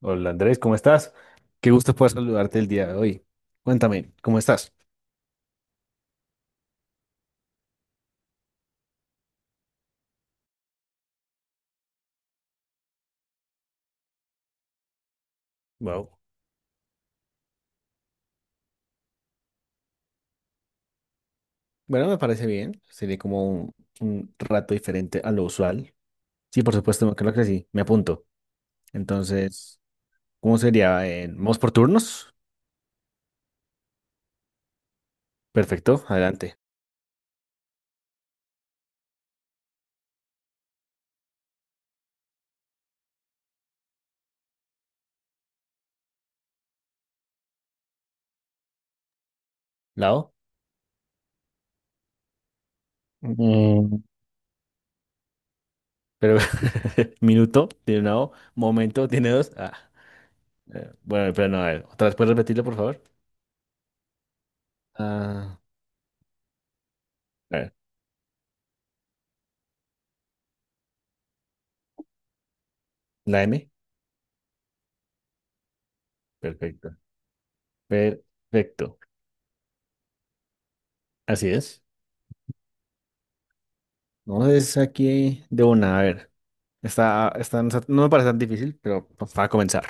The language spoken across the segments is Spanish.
Hola Andrés, ¿cómo estás? Qué gusto poder saludarte el día de hoy. Cuéntame, ¿cómo estás? Wow. Bueno, me parece bien. Sería como un rato diferente a lo usual. Sí, por supuesto, creo que sí, me apunto. Entonces, ¿cómo sería? ¿Vamos por turnos? Perfecto, adelante. Lado. Mm, Pero minuto, tiene una O. Momento, tiene dos. Bueno, pero no, a ver, otra vez, ¿puedes repetirlo, por favor? Ah, a ver, la M. Perfecto. Perfecto. Así es. No es aquí de una, a ver. Está, no me parece tan difícil, pero pues, para comenzar.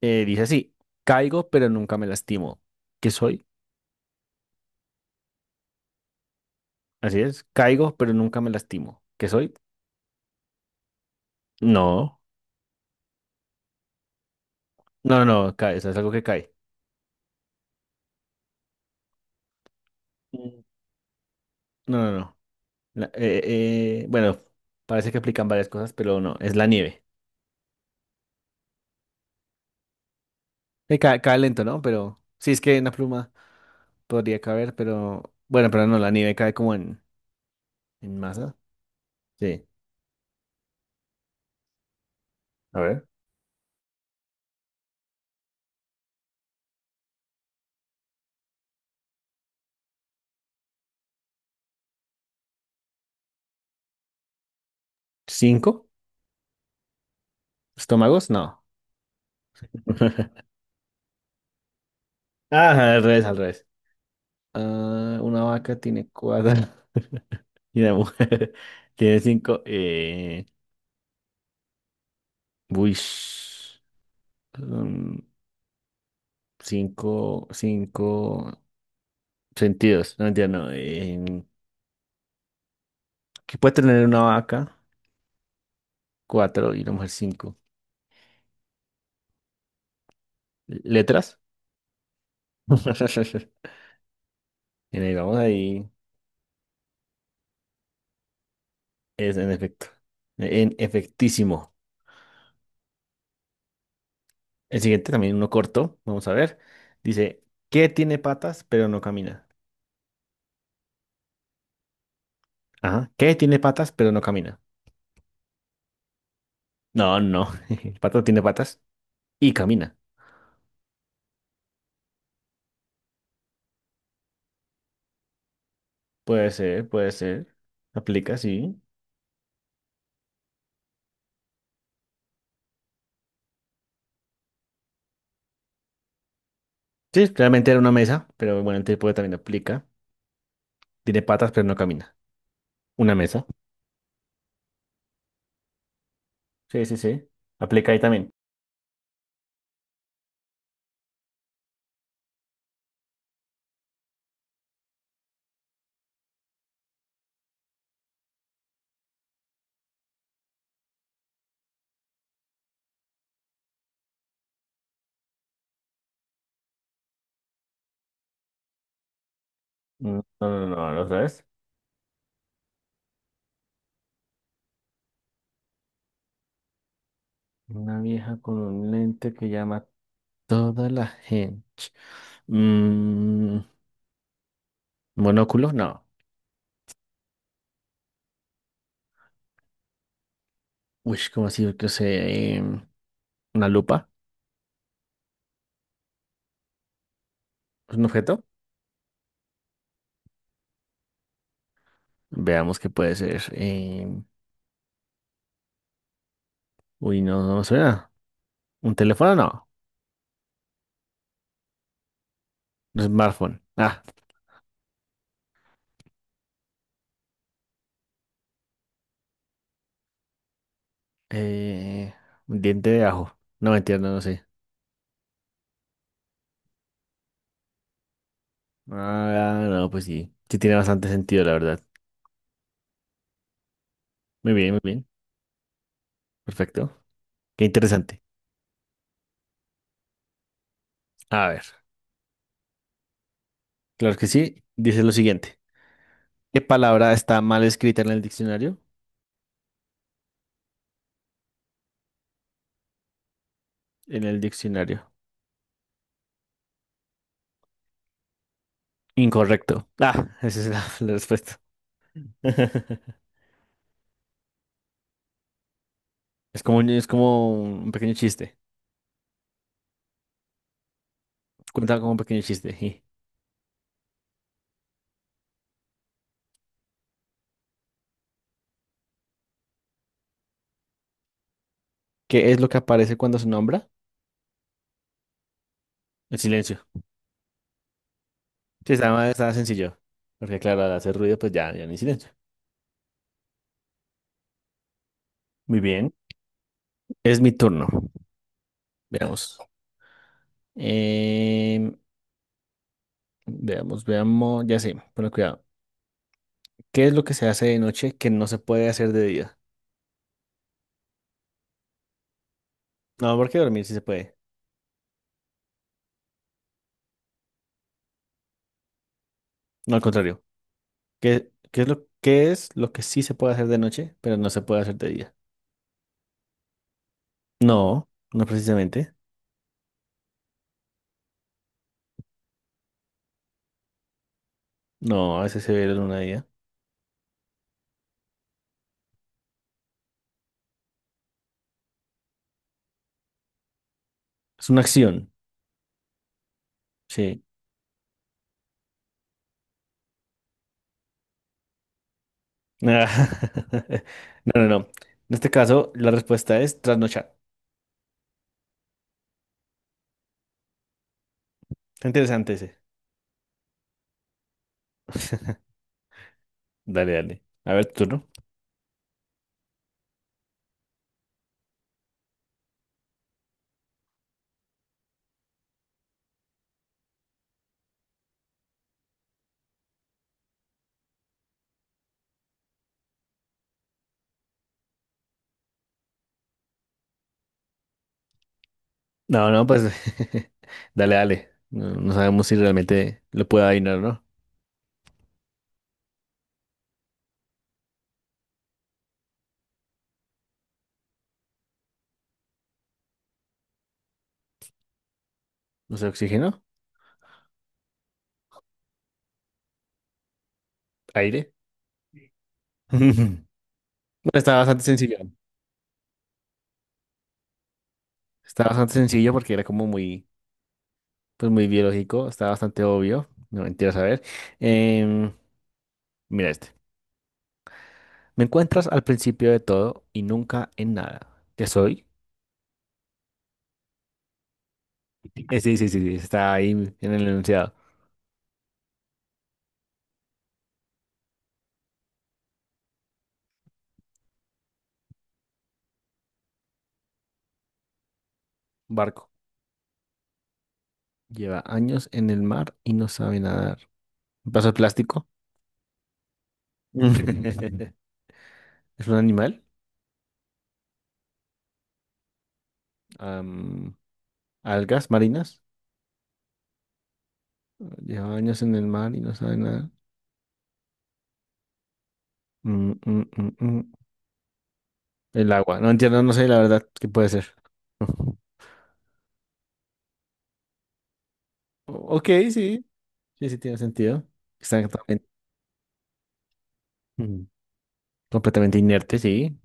Dice así, caigo pero nunca me lastimo. ¿Qué soy? Así es, caigo pero nunca me lastimo. ¿Qué soy? No, no, no, cae, o sea, es algo que cae. Mm. No, no, no. La- eh, bueno, parece que aplican varias cosas, pero no, es la nieve. Cae lento, ¿no? Pero sí, es que una pluma podría caber, pero bueno, pero no, la nieve cae como en masa. Sí. A ver. ¿Cinco? ¿Estómagos? No. Ah, al revés, al revés. Ah, una vaca tiene cuatro y una mujer tiene cinco. Uish, mm, cinco sentidos. No entiendo. No, ¿qué puede tener una vaca? Cuatro y una mujer cinco. ¿Letras? Y ahí vamos ahí. Es en efecto. En efectísimo. El siguiente también uno corto. Vamos a ver. Dice, ¿qué tiene patas pero no camina? Ajá. ¿Qué? Tiene patas, pero no camina. No, no. El pato tiene patas y camina. Puede ser, puede ser. Aplica, sí. Sí, realmente era una mesa, pero bueno, el tipo también aplica. Tiene patas, pero no camina. Una mesa. Sí, sí, sí. Aplica ahí también. Mm, no, no, no, ¿lo sabes? Una vieja con un lente que llama a toda la gente. Mm, ¿monóculo? No. Uy, ¿cómo así? Yo sé. ¿Una lupa? ¿Es un objeto? Veamos qué puede ser. Uy, no, no me suena. ¿Un teléfono? No. Un smartphone. Ah, eh, un diente de ajo. No me entiendo, no sé. Ah, no, pues sí. Sí tiene bastante sentido, la verdad. Muy bien, muy bien. Perfecto. Qué interesante. A ver, claro que sí. Dice lo siguiente. ¿Qué palabra está mal escrita en el diccionario? En el diccionario. Incorrecto. Ah, esa es la respuesta. Es como, es como un pequeño chiste. Cuenta como un pequeño chiste. Sí. ¿Qué es lo que aparece cuando se nombra? El silencio. Sí, estaba sencillo. Porque claro, al hacer ruido, pues ya no hay silencio. Muy bien. Es mi turno. Veamos. Em, veamos, veamos. Ya sé, pero cuidado. ¿Qué es lo que se hace de noche que no se puede hacer de día? No, porque dormir sí se puede. No, al contrario. ¿Qué es lo, qué es lo que sí se puede hacer de noche, pero no se puede hacer de día? No, no precisamente. No, a veces se ve la luna de día. Es una acción. Sí. No, no, no. En este caso, la respuesta es trasnochar. Está interesante ese. Dale, dale. A ver, tú, ¿no? No, no, pues dale, dale. No, no sabemos si realmente lo puede adivinar o no. No sé, oxígeno, aire. No, está bastante sencillo. Está bastante sencillo porque era como muy, pues muy biológico. Está bastante obvio. No mentiras, a ver. Em, mira este. Me encuentras al principio de todo y nunca en nada. ¿Qué soy? Sí, sí, sí, sí. Está ahí en el enunciado. Barco. Lleva años en el mar y no sabe nadar. Un vaso de plástico. Es un animal. am, algas marinas. Lleva años en el mar y no sabe nada. Mm, mm, mm, mm. El agua. No entiendo, no sé la verdad qué puede ser. Ok, sí. Sí, sí tiene sentido. Están totalmente, mm, completamente inerte, sí.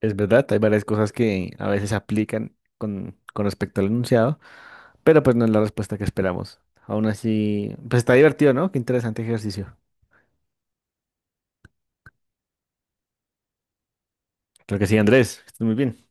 Es verdad, hay varias cosas que a veces aplican con respecto al enunciado, pero pues no es la respuesta que esperamos. Aún así, pues está divertido, ¿no? Qué interesante ejercicio. Creo que sí, Andrés. Estás muy bien.